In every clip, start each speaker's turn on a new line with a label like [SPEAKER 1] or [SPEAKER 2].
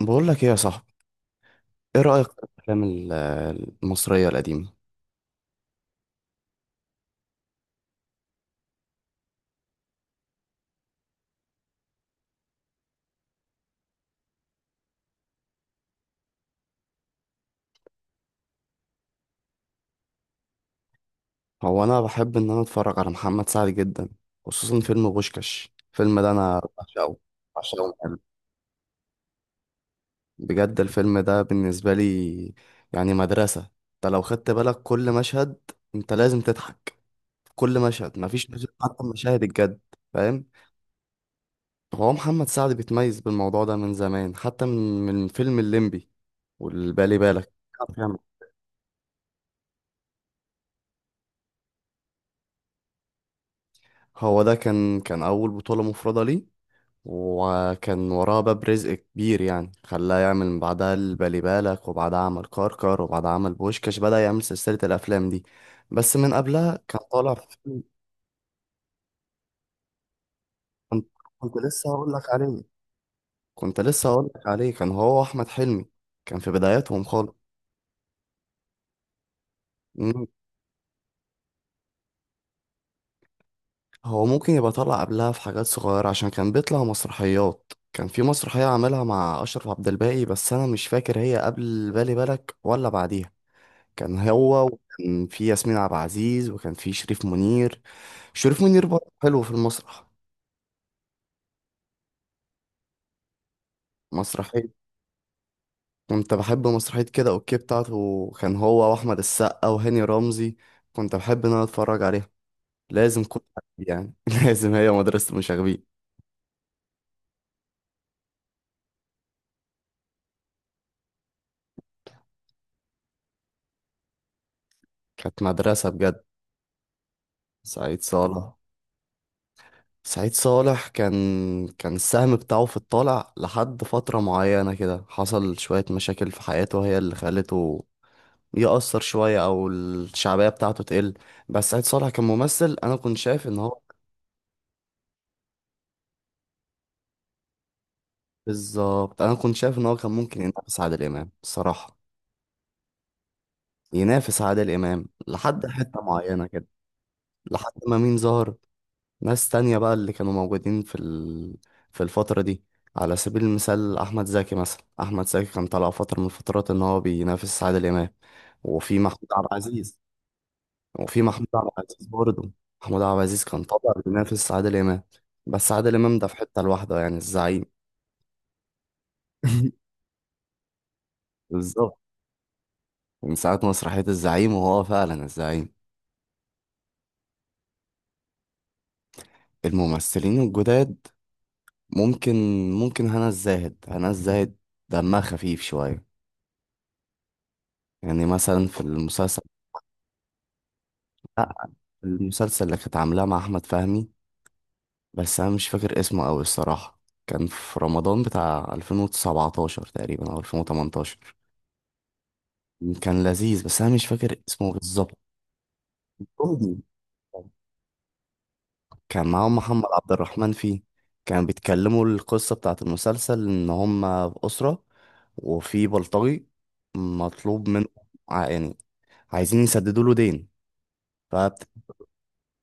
[SPEAKER 1] بقول لك ايه يا صاحبي، ايه رأيك في الافلام المصرية القديمة؟ هو انا بحب ان انا اتفرج على محمد سعد جدا، خصوصا فيلم بوشكاش. الفيلم ده انا بعشقه، بعشقه من قلبي. بجد الفيلم ده بالنسبة لي يعني مدرسة. انت لو خدت بالك كل مشهد انت لازم تضحك. كل مشهد، مفيش مشهد حتى مشاهد الجد. فاهم. هو محمد سعد بيتميز بالموضوع ده من زمان، حتى من فيلم الليمبي والبالي بالك. هو ده كان أول بطولة مفردة ليه، وكان وراه باب رزق كبير يعني خلاه يعمل من بعدها البالي بالك، وبعدها عمل كركر، وبعدها عمل بوشكاش. بدأ يعمل سلسلة الأفلام دي، بس من قبلها كان طالع في فيلم. كنت كنت لسه هقول لك عليه كنت لسه هقول لك عليه، كان هو أحمد حلمي. كان في بداياتهم خالص. مم. هو ممكن يبقى طالع قبلها في حاجات صغيرة، عشان كان بيطلع مسرحيات. كان في مسرحية عاملها مع أشرف عبد الباقي، بس أنا مش فاكر هي قبل بالي بالك ولا بعديها. كان هو، وكان في ياسمين عبد العزيز، وكان في شريف منير. شريف منير برضه حلو في المسرح. مسرحية كنت بحب مسرحية كده اوكي بتاعته، كان هو واحمد السقا وهاني رمزي. كنت بحب ان انا اتفرج عليها. لازم كل حد يعني لازم. هي مدرسة المشاغبين، كانت مدرسة بجد. سعيد صالح. سعيد صالح كان السهم بتاعه في الطالع لحد فترة معينة كده، حصل شوية مشاكل في حياته هي اللي خلته يأثر شوية، أو الشعبية بتاعته تقل. بس سعيد صالح كممثل أنا كنت شايف إن هو، بالظبط، أنا كنت شايف إن هو كان ممكن ينافس عادل إمام الصراحة. ينافس عادل إمام لحد حتة معينة كده، لحد ما مين ظهر. ناس تانية بقى اللي كانوا موجودين في في الفترة دي، على سبيل المثال أحمد زكي. مثلا أحمد زكي كان طالع فترة من الفترات إن هو بينافس عادل إمام، وفي محمود عبد العزيز وفي محمود عبد العزيز برضه. محمود عبد العزيز كان طبعا بينافس عادل إمام، بس عادل إمام ده في حتة لوحده، يعني الزعيم. بالظبط، من ساعة مسرحية الزعيم وهو فعلا الزعيم. الممثلين الجداد، ممكن ممكن، هنا الزاهد، دمها خفيف شوية. يعني مثلا في المسلسل، لا المسلسل اللي كانت عاملاه مع أحمد فهمي، بس أنا مش فاكر اسمه أوي الصراحة. كان في رمضان بتاع 2017 تقريبا أو 2018. كان لذيذ بس أنا مش فاكر اسمه بالظبط. كوميدي. كان معاهم محمد عبد الرحمن فيه. كانوا بيتكلموا، القصة بتاعت المسلسل إن هما في أسرة وفي بلطجي مطلوب منه، يعني عايزين يسددوا له دين.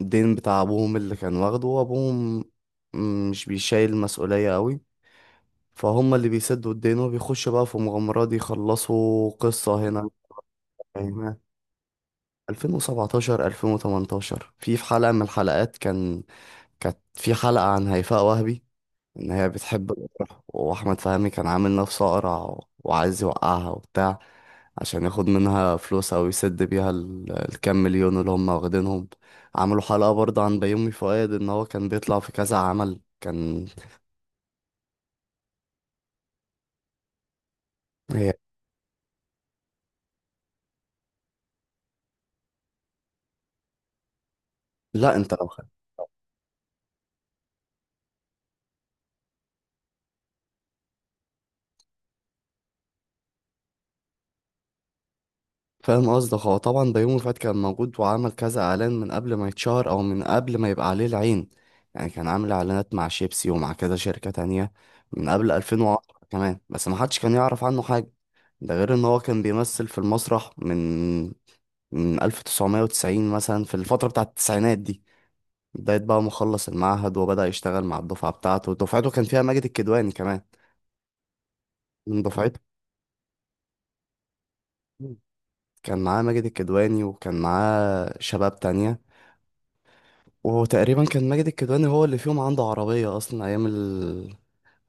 [SPEAKER 1] فالدين بتاع أبوهم اللي كان واخده، وأبوهم مش بيشايل المسؤولية قوي، فهم اللي بيسدوا الدين وبيخشوا بقى في مغامرات يخلصوا قصة هنا 2017 2018، في حلقة من الحلقات كان، كانت في حلقة عن هيفاء وهبي، ان هي بتحب الأقرع، واحمد فهمي كان عامل نفسه أقرع و- وعايز يوقعها وبتاع، عشان ياخد منها فلوس او يسد بيها الكام مليون اللي هم واخدينهم. عملوا حلقة برضه عن بيومي فؤاد، ان هو كان بيطلع في كذا عمل كان. هي، لا، انت لو، فاهم قصدك. هو طبعا بيومي فؤاد كان موجود، وعمل كذا اعلان من قبل ما يتشهر او من قبل ما يبقى عليه العين. يعني كان عامل اعلانات مع شيبسي ومع كذا شركة تانية من قبل 2010 كمان، بس ما حدش كان يعرف عنه حاجة. ده غير ان هو كان بيمثل في المسرح من 1990 مثلا، في الفترة بتاعة التسعينات دي. بداية بقى ما خلص المعهد وبدأ يشتغل مع الدفعة بتاعته. دفعته كان فيها ماجد الكدواني كمان، من دفعته. كان معاه ماجد الكدواني وكان معاه شباب تانية، وتقريبا كان ماجد الكدواني هو اللي فيهم عنده عربية أصلا أيام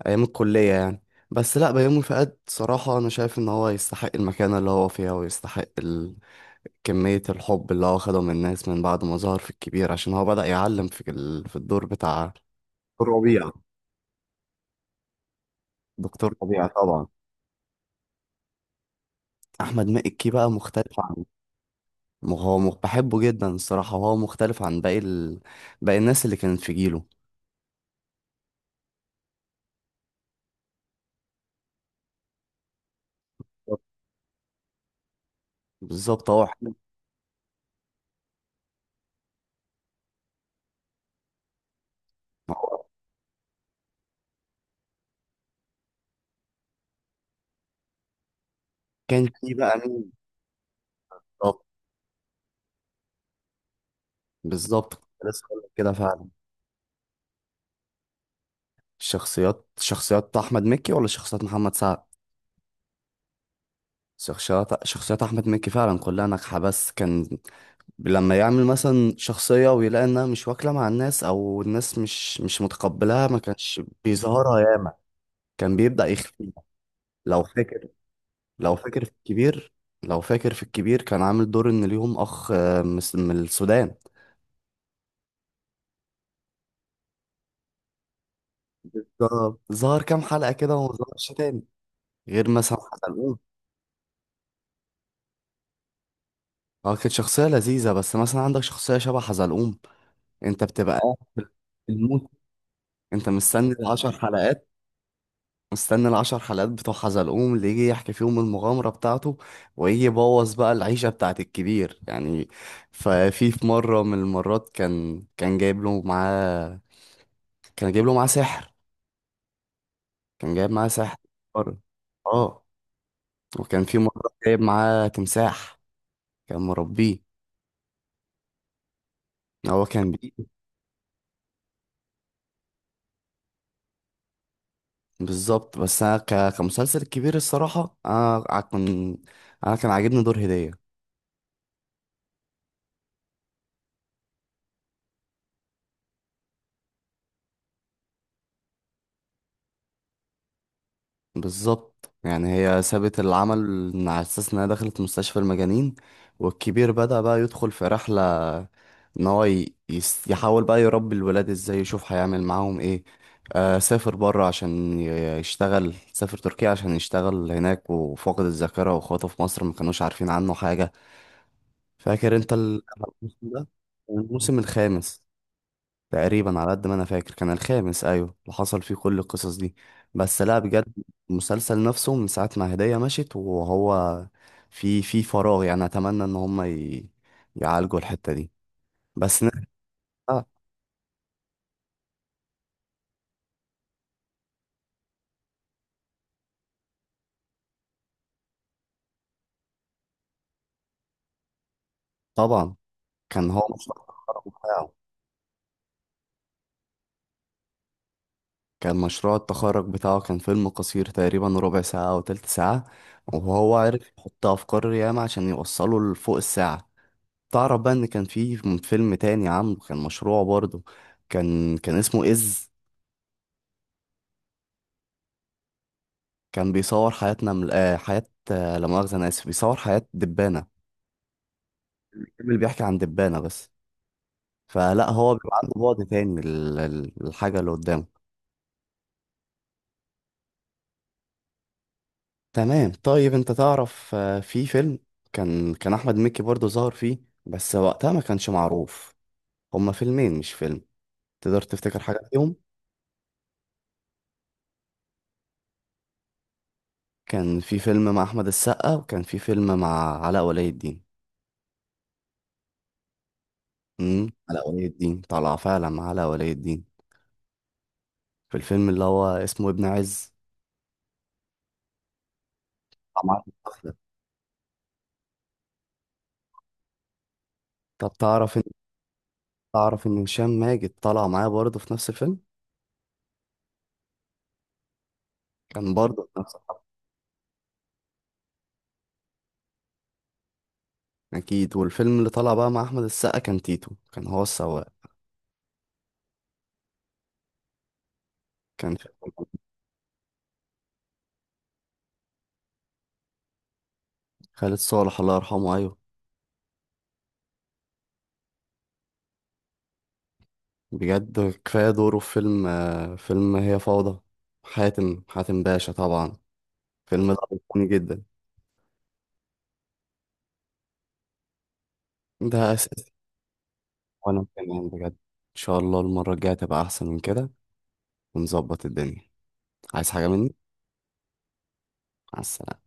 [SPEAKER 1] أيام الكلية يعني. بس لأ، بيومي فؤاد صراحة أنا شايف إن هو يستحق المكانة اللي هو فيها، ويستحق كمية الحب اللي هو خده من الناس من بعد ما ظهر في الكبير، عشان هو بدأ يعلم في في الدور بتاع دكتور ربيع. دكتور ربيع طبعا. أحمد مكي بقى مختلف عن، هو بحبه جدا الصراحة، وهو مختلف عن باقي باقي الناس اللي كانت في جيله. بالظبط، هو حلو. ما هو كان في بقى مين. بالظبط، كنت لسه هقول لك كده فعلا. الشخصيات، شخصيات احمد مكي ولا شخصيات محمد سعد. شخصيات احمد مكي فعلا كلها ناجحه، بس كان لما يعمل مثلا شخصيه ويلاقي انها مش واكله مع الناس، او الناس مش متقبلاها، ما كانش بيظهرها ياما، كان بيبدا يخفيها. لو فاكر، لو فاكر في الكبير في الكبير كان عامل دور ان ليهم اخ من من السودان. ظهر كام حلقه كده وما ظهرش تاني، غير مثلا حلقه. اه، كانت شخصية لذيذة، بس مثلا عندك شخصية شبه حزلقوم، انت بتبقى قاعد في الموت، انت مستني العشر حلقات بتوع حزلقوم، اللي يجي يحكي فيهم المغامرة بتاعته، ويجي يبوظ بقى العيشة بتاعت الكبير يعني. ففي مرة من المرات كان، جايب له معاه سحر. كان جايب معاه سحر مرة. اه. وكان في مرة جايب معاه تمساح، كان مربيه. هو كان بي، بالظبط. بس انا كمسلسل كبير الصراحه، انا، كان عاجبني دور هديه. بالظبط، يعني هي سابت العمل على اساس انها دخلت مستشفى المجانين، والكبير بدأ بقى يدخل في رحله، ان هو يحاول بقى يربي الولاد ازاي، يشوف هيعمل معاهم ايه. سافر بره عشان يشتغل. سافر تركيا عشان يشتغل هناك، وفاقد الذاكره، واخواته في مصر ما كانوش عارفين عنه حاجه. فاكر انت الموسم ده، الموسم الخامس تقريبا على قد ما انا فاكر، كان الخامس، ايوه، اللي حصل فيه كل القصص دي. بس لا بجد، المسلسل نفسه من ساعة ما هدية مشيت، وهو في فراغ يعني. اتمنى ان هم يعالجوا الحتة دي. بس نرجع. طبعا كان هو مشروع التخرج بتاعه. كان مشروع التخرج بتاعه كان فيلم قصير، تقريبا ربع ساعة او تلت ساعة، وهو عرف يحط افكار ياما عشان يوصله لفوق الساعة. تعرف بقى ان كان في فيلم تاني عامله، كان مشروع برضه، كان اسمه إز. كان بيصور حياتنا من حياة، لا مؤاخذة أنا آسف، بيصور حياة دبانة، الفيلم اللي بيحكي عن دبانة بس، فلا هو بيبقى عنده بعد تاني للحاجة اللي قدامه. تمام. طيب أنت تعرف في فيلم كان أحمد مكي برضه ظهر فيه بس وقتها ما كانش معروف. هما فيلمين مش فيلم. تقدر تفتكر حاجة فيهم. كان في فيلم مع أحمد السقا، وكان في فيلم مع علاء ولي الدين. علاء ولي الدين، طلع فعلا مع علاء ولي الدين، في الفيلم اللي هو اسمه ابن عز. طب تعرف ان هشام ماجد طلع معايا برضه في نفس الفيلم. كان برضه في نفس الحفلة. اكيد. والفيلم اللي طلع بقى مع احمد السقا كان تيتو، كان هو السواق. كان فيلم خالد صالح الله يرحمه، ايوه. بجد كفايه دوره في فيلم آه، فيلم هي فوضى. حاتم باشا طبعا، الفيلم ده عجبني جدا. ده اساسي. وانا كمان بجد ان شاء الله المره الجايه تبقى احسن من كده، ونظبط الدنيا. عايز حاجه مني؟ مع السلامة.